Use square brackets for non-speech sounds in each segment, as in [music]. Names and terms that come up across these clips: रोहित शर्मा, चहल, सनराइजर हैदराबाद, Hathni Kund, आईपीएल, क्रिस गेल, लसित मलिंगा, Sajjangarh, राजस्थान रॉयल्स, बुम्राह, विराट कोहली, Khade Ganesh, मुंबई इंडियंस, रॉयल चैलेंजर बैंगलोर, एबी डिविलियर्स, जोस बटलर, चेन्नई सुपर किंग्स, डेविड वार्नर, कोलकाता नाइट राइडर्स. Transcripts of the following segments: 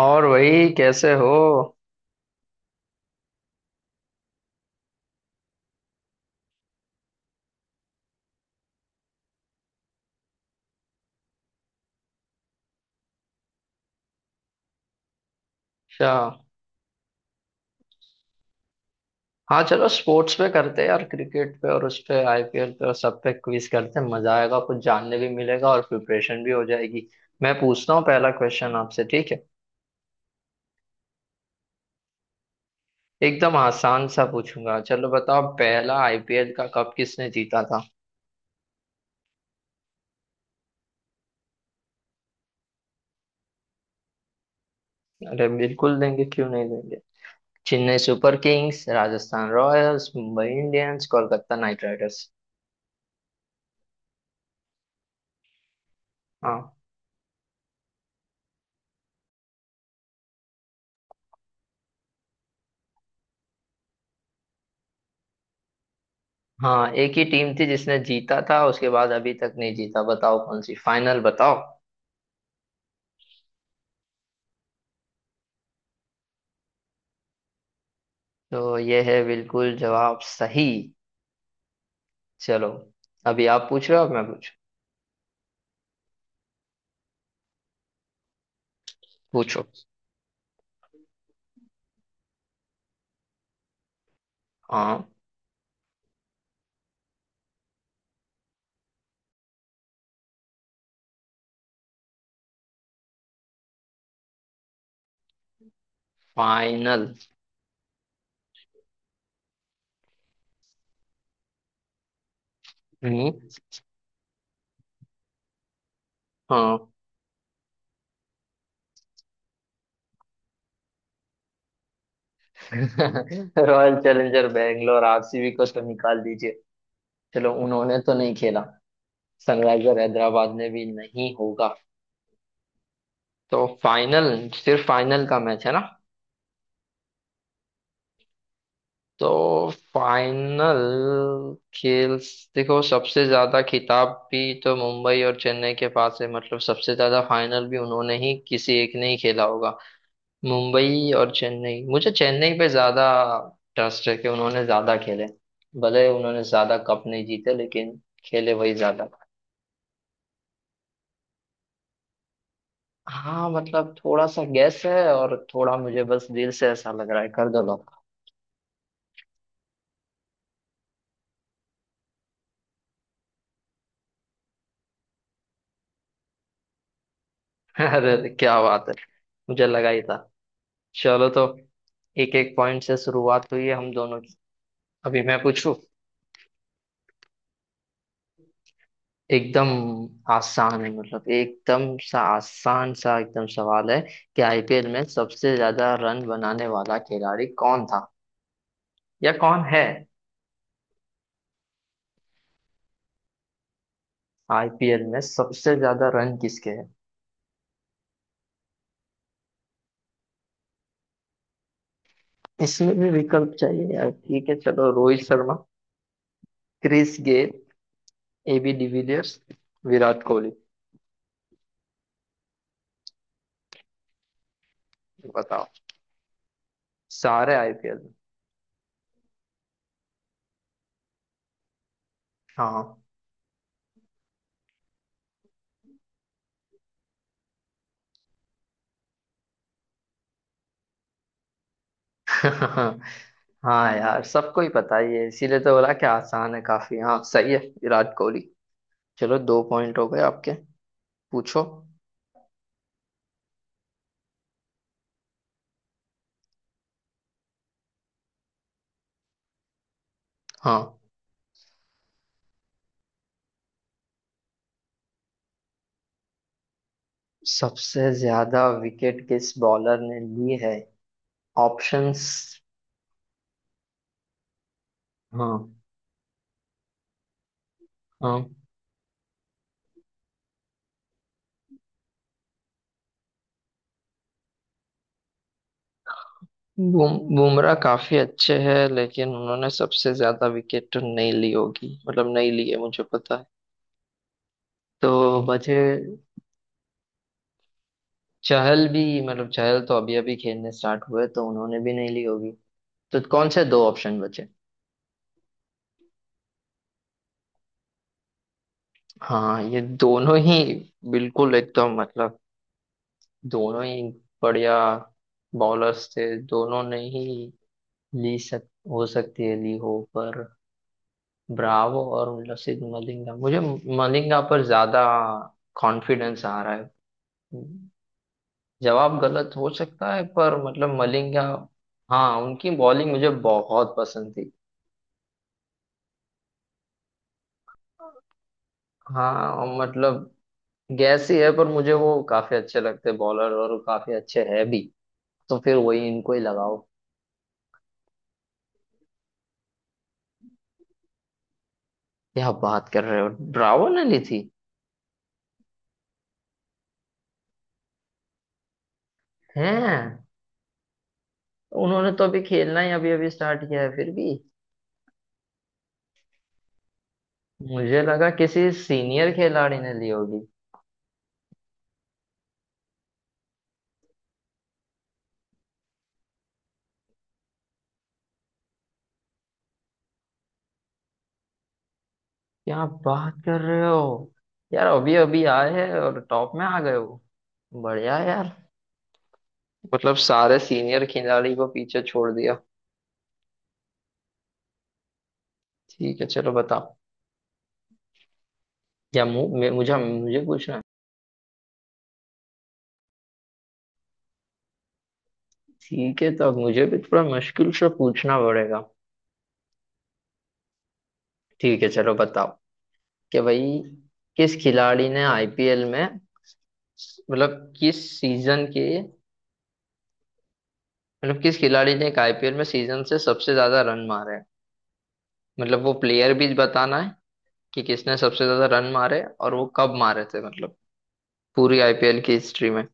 और वही कैसे हो। अच्छा, हाँ चलो स्पोर्ट्स पे करते हैं यार, क्रिकेट पे और उस पे आईपीएल पे और सब पे क्विज करते हैं, मजा आएगा, कुछ जानने भी मिलेगा और प्रिपरेशन भी हो जाएगी। मैं पूछता हूँ पहला क्वेश्चन आपसे, ठीक है। एकदम आसान सा पूछूंगा, चलो बताओ, पहला आईपीएल का कप किसने जीता था। अरे बिल्कुल देंगे, क्यों नहीं देंगे। चेन्नई सुपर किंग्स, राजस्थान रॉयल्स, मुंबई इंडियंस, कोलकाता नाइट राइडर्स। हाँ। हाँ, एक ही टीम थी जिसने जीता था, उसके बाद अभी तक नहीं जीता। बताओ कौन सी, फाइनल बताओ। तो ये है, बिल्कुल जवाब सही। चलो, अभी आप पूछ रहे हो, अब मैं पूछ। पूछो। हाँ। फाइनल। हम्म। हाँ। [laughs] रॉयल चैलेंजर बैंगलोर, आरसीबी को तो निकाल दीजिए। चलो उन्होंने तो नहीं खेला। सनराइजर हैदराबाद ने भी नहीं होगा। तो फाइनल, सिर्फ फाइनल का मैच है ना। तो फाइनल, खेल, देखो सबसे ज्यादा खिताब भी तो मुंबई और चेन्नई के पास है, मतलब सबसे ज्यादा फाइनल भी उन्होंने ही, किसी एक ने ही खेला होगा। मुंबई और चेन्नई, मुझे चेन्नई पे ज्यादा ट्रस्ट है कि उन्होंने ज्यादा खेले। भले उन्होंने ज्यादा कप नहीं जीते, लेकिन खेले वही ज्यादा। हाँ मतलब थोड़ा सा गैस है और थोड़ा मुझे बस दिल से ऐसा लग रहा है, कर दो लोग। [laughs] अरे क्या बात है, मुझे लगा ही था। चलो तो एक एक पॉइंट से शुरुआत हुई है हम दोनों की। अभी मैं पूछू। एकदम आसान है मतलब, एकदम सा आसान सा एकदम सवाल है कि आईपीएल में सबसे ज्यादा रन बनाने वाला खिलाड़ी कौन था, या कौन है। आईपीएल में सबसे ज्यादा रन किसके हैं। इसमें भी विकल्प चाहिए यार, ठीक है चलो, रोहित शर्मा, क्रिस गेल, एबी डिविलियर्स, विराट कोहली। बताओ। सारे आईपीएल में। हाँ। [laughs] हाँ यार, सबको ही पता ही है, इसीलिए तो बोला कि आसान है काफी। हाँ सही है, विराट कोहली। चलो दो पॉइंट हो गए आपके। पूछो। हाँ। सबसे ज्यादा विकेट किस बॉलर ने ली है। ऑप्शंस। हाँ। हाँ। बुमराह काफी अच्छे हैं, लेकिन उन्होंने सबसे ज्यादा विकेट तो नहीं ली होगी, मतलब नहीं ली है, मुझे पता है। तो बचे, चहल भी, मतलब चहल तो अभी अभी खेलने स्टार्ट हुए तो उन्होंने भी नहीं ली होगी। तो कौन से दो ऑप्शन बचे। हाँ ये दोनों ही, बिल्कुल एकदम, मतलब दोनों ही बढ़िया बॉलर्स थे, दोनों ने ही ली सक हो सकती है, ली हो, पर ब्रावो और लसित मलिंगा, मुझे मलिंगा पर ज्यादा कॉन्फिडेंस आ रहा है। जवाब गलत हो सकता है पर, मतलब मलिंगा। हाँ उनकी बॉलिंग मुझे बहुत पसंद थी। हाँ और मतलब गैस ही है, पर मुझे वो काफी अच्छे लगते बॉलर और वो काफी अच्छे है भी, तो फिर वही, इनको ही लगाओ। क्या बात कर रहे हो, ब्रावो ने ली थी? हैं? उन्होंने तो अभी खेलना ही अभी अभी स्टार्ट किया है, फिर भी। मुझे लगा किसी सीनियर खिलाड़ी ने ली होगी। क्या बात कर रहे हो यार, अभी अभी आए हैं और टॉप में आ गए हो, बढ़िया है यार। मतलब सारे सीनियर खिलाड़ी को पीछे छोड़ दिया। ठीक है चलो बताओ, या मु, मे- मुझे मुझे पूछना है? ठीक है तो अब मुझे भी थोड़ा मुश्किल से पूछना पड़ेगा। ठीक है चलो बताओ कि भाई, किस खिलाड़ी ने आईपीएल में, मतलब किस सीजन के, मतलब किस खिलाड़ी ने एक आईपीएल में सीजन से सबसे ज्यादा रन मारे हैं। मतलब वो प्लेयर भी बताना है कि किसने सबसे ज्यादा रन मारे और वो कब मारे थे, मतलब पूरी आईपीएल की हिस्ट्री में।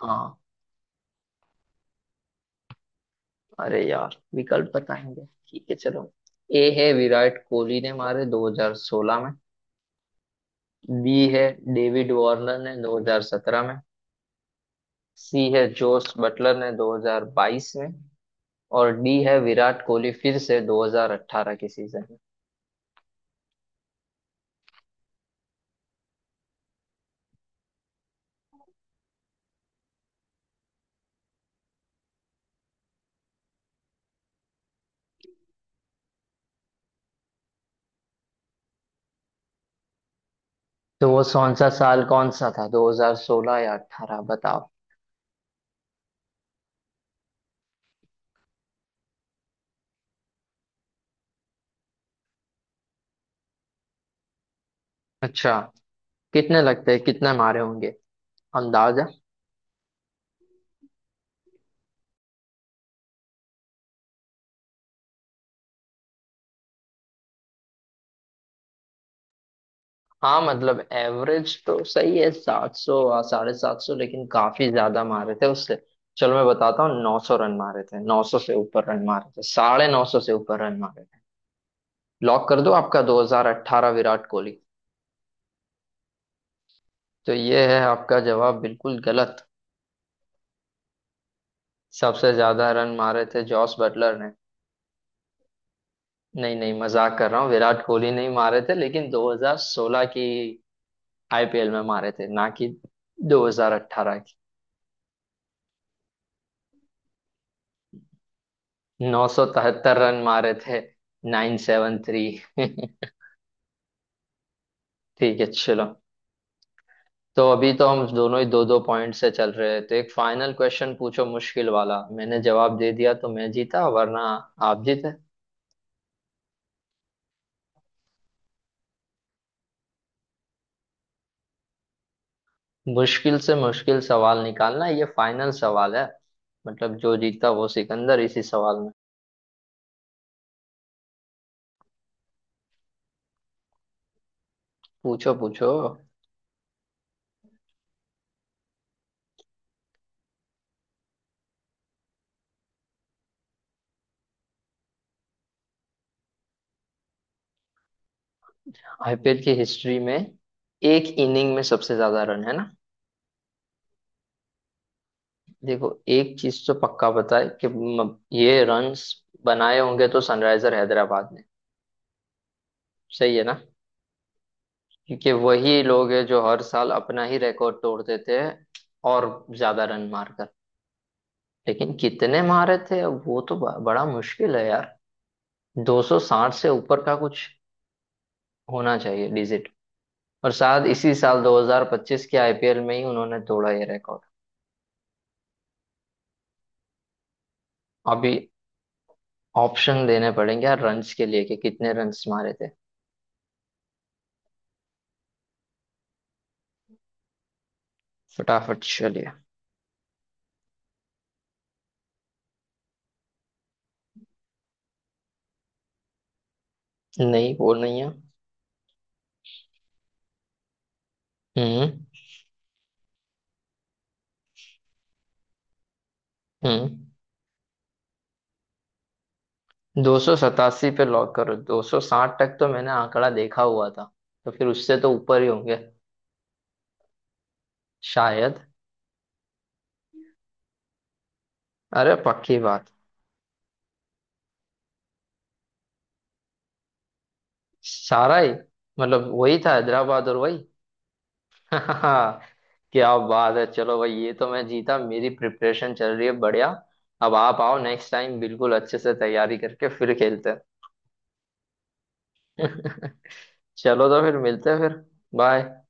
हाँ। अरे यार विकल्प बताएंगे, ठीक है चलो। ए है विराट कोहली ने मारे 2016 में। बी है डेविड वार्नर ने 2017 में। सी है जोस बटलर ने 2022 में। और डी है विराट कोहली फिर से 2018 के सीजन में। तो वो कौन सा साल, कौन सा था, 2016 या 18 बताओ। अच्छा, कितने लगते हैं, कितने मारे होंगे अंदाजा। हाँ मतलब एवरेज तो सही है, 700, 750, लेकिन काफी ज्यादा मारे थे उससे। चलो मैं बताता हूँ, 900 रन मारे थे, 900 से ऊपर रन मारे थे, 950 से ऊपर रन मारे थे। लॉक कर दो आपका, 2018 विराट कोहली। तो ये है आपका जवाब, बिल्कुल गलत। सबसे ज्यादा रन मारे थे जॉस बटलर ने। नहीं नहीं, मजाक कर रहा हूँ, विराट कोहली, नहीं मारे थे लेकिन 2016 की आईपीएल में मारे थे, ना कि 2018 की। 973 रन मारे थे। 973। [laughs] ठीक है चलो, तो अभी तो हम दोनों ही दो दो पॉइंट से चल रहे हैं, तो एक फाइनल क्वेश्चन पूछो, मुश्किल वाला, मैंने जवाब दे दिया तो मैं जीता, वरना आप जीते। मुश्किल से मुश्किल सवाल निकालना, ये फाइनल सवाल है, मतलब जो जीता वो सिकंदर इसी सवाल। पूछो पूछो। आईपीएल की हिस्ट्री में एक इनिंग में सबसे ज्यादा रन, है ना। देखो, एक चीज तो पक्का पता है कि ये रन्स बनाए होंगे तो सनराइजर हैदराबाद ने। सही है ना। क्योंकि वही लोग हैं जो हर साल अपना ही रिकॉर्ड तोड़ देते हैं, और ज्यादा रन मारकर। लेकिन कितने मारे थे वो तो बड़ा मुश्किल है यार। 260 से ऊपर का कुछ होना चाहिए डिजिट। और शायद इसी साल 2025 के आईपीएल में ही उन्होंने तोड़ा ये रिकॉर्ड। अभी ऑप्शन देने पड़ेंगे यार, रन्स के लिए कि कितने रन्स मारे थे। फटाफट चलिए। नहीं वो नहीं है। हम्म। हम्म। 287 पे लॉक करो, 260 तक तो मैंने आंकड़ा देखा हुआ था, तो फिर उससे तो ऊपर ही होंगे शायद। अरे पक्की बात। सारा ही, मतलब वही था हैदराबाद, और वही। [laughs] क्या बात है, चलो भाई, ये तो मैं जीता, मेरी प्रिपरेशन चल रही है बढ़िया। अब आप आओ नेक्स्ट टाइम बिल्कुल अच्छे से तैयारी करके, फिर खेलते हैं। [laughs] चलो तो फिर मिलते हैं फिर। बाय।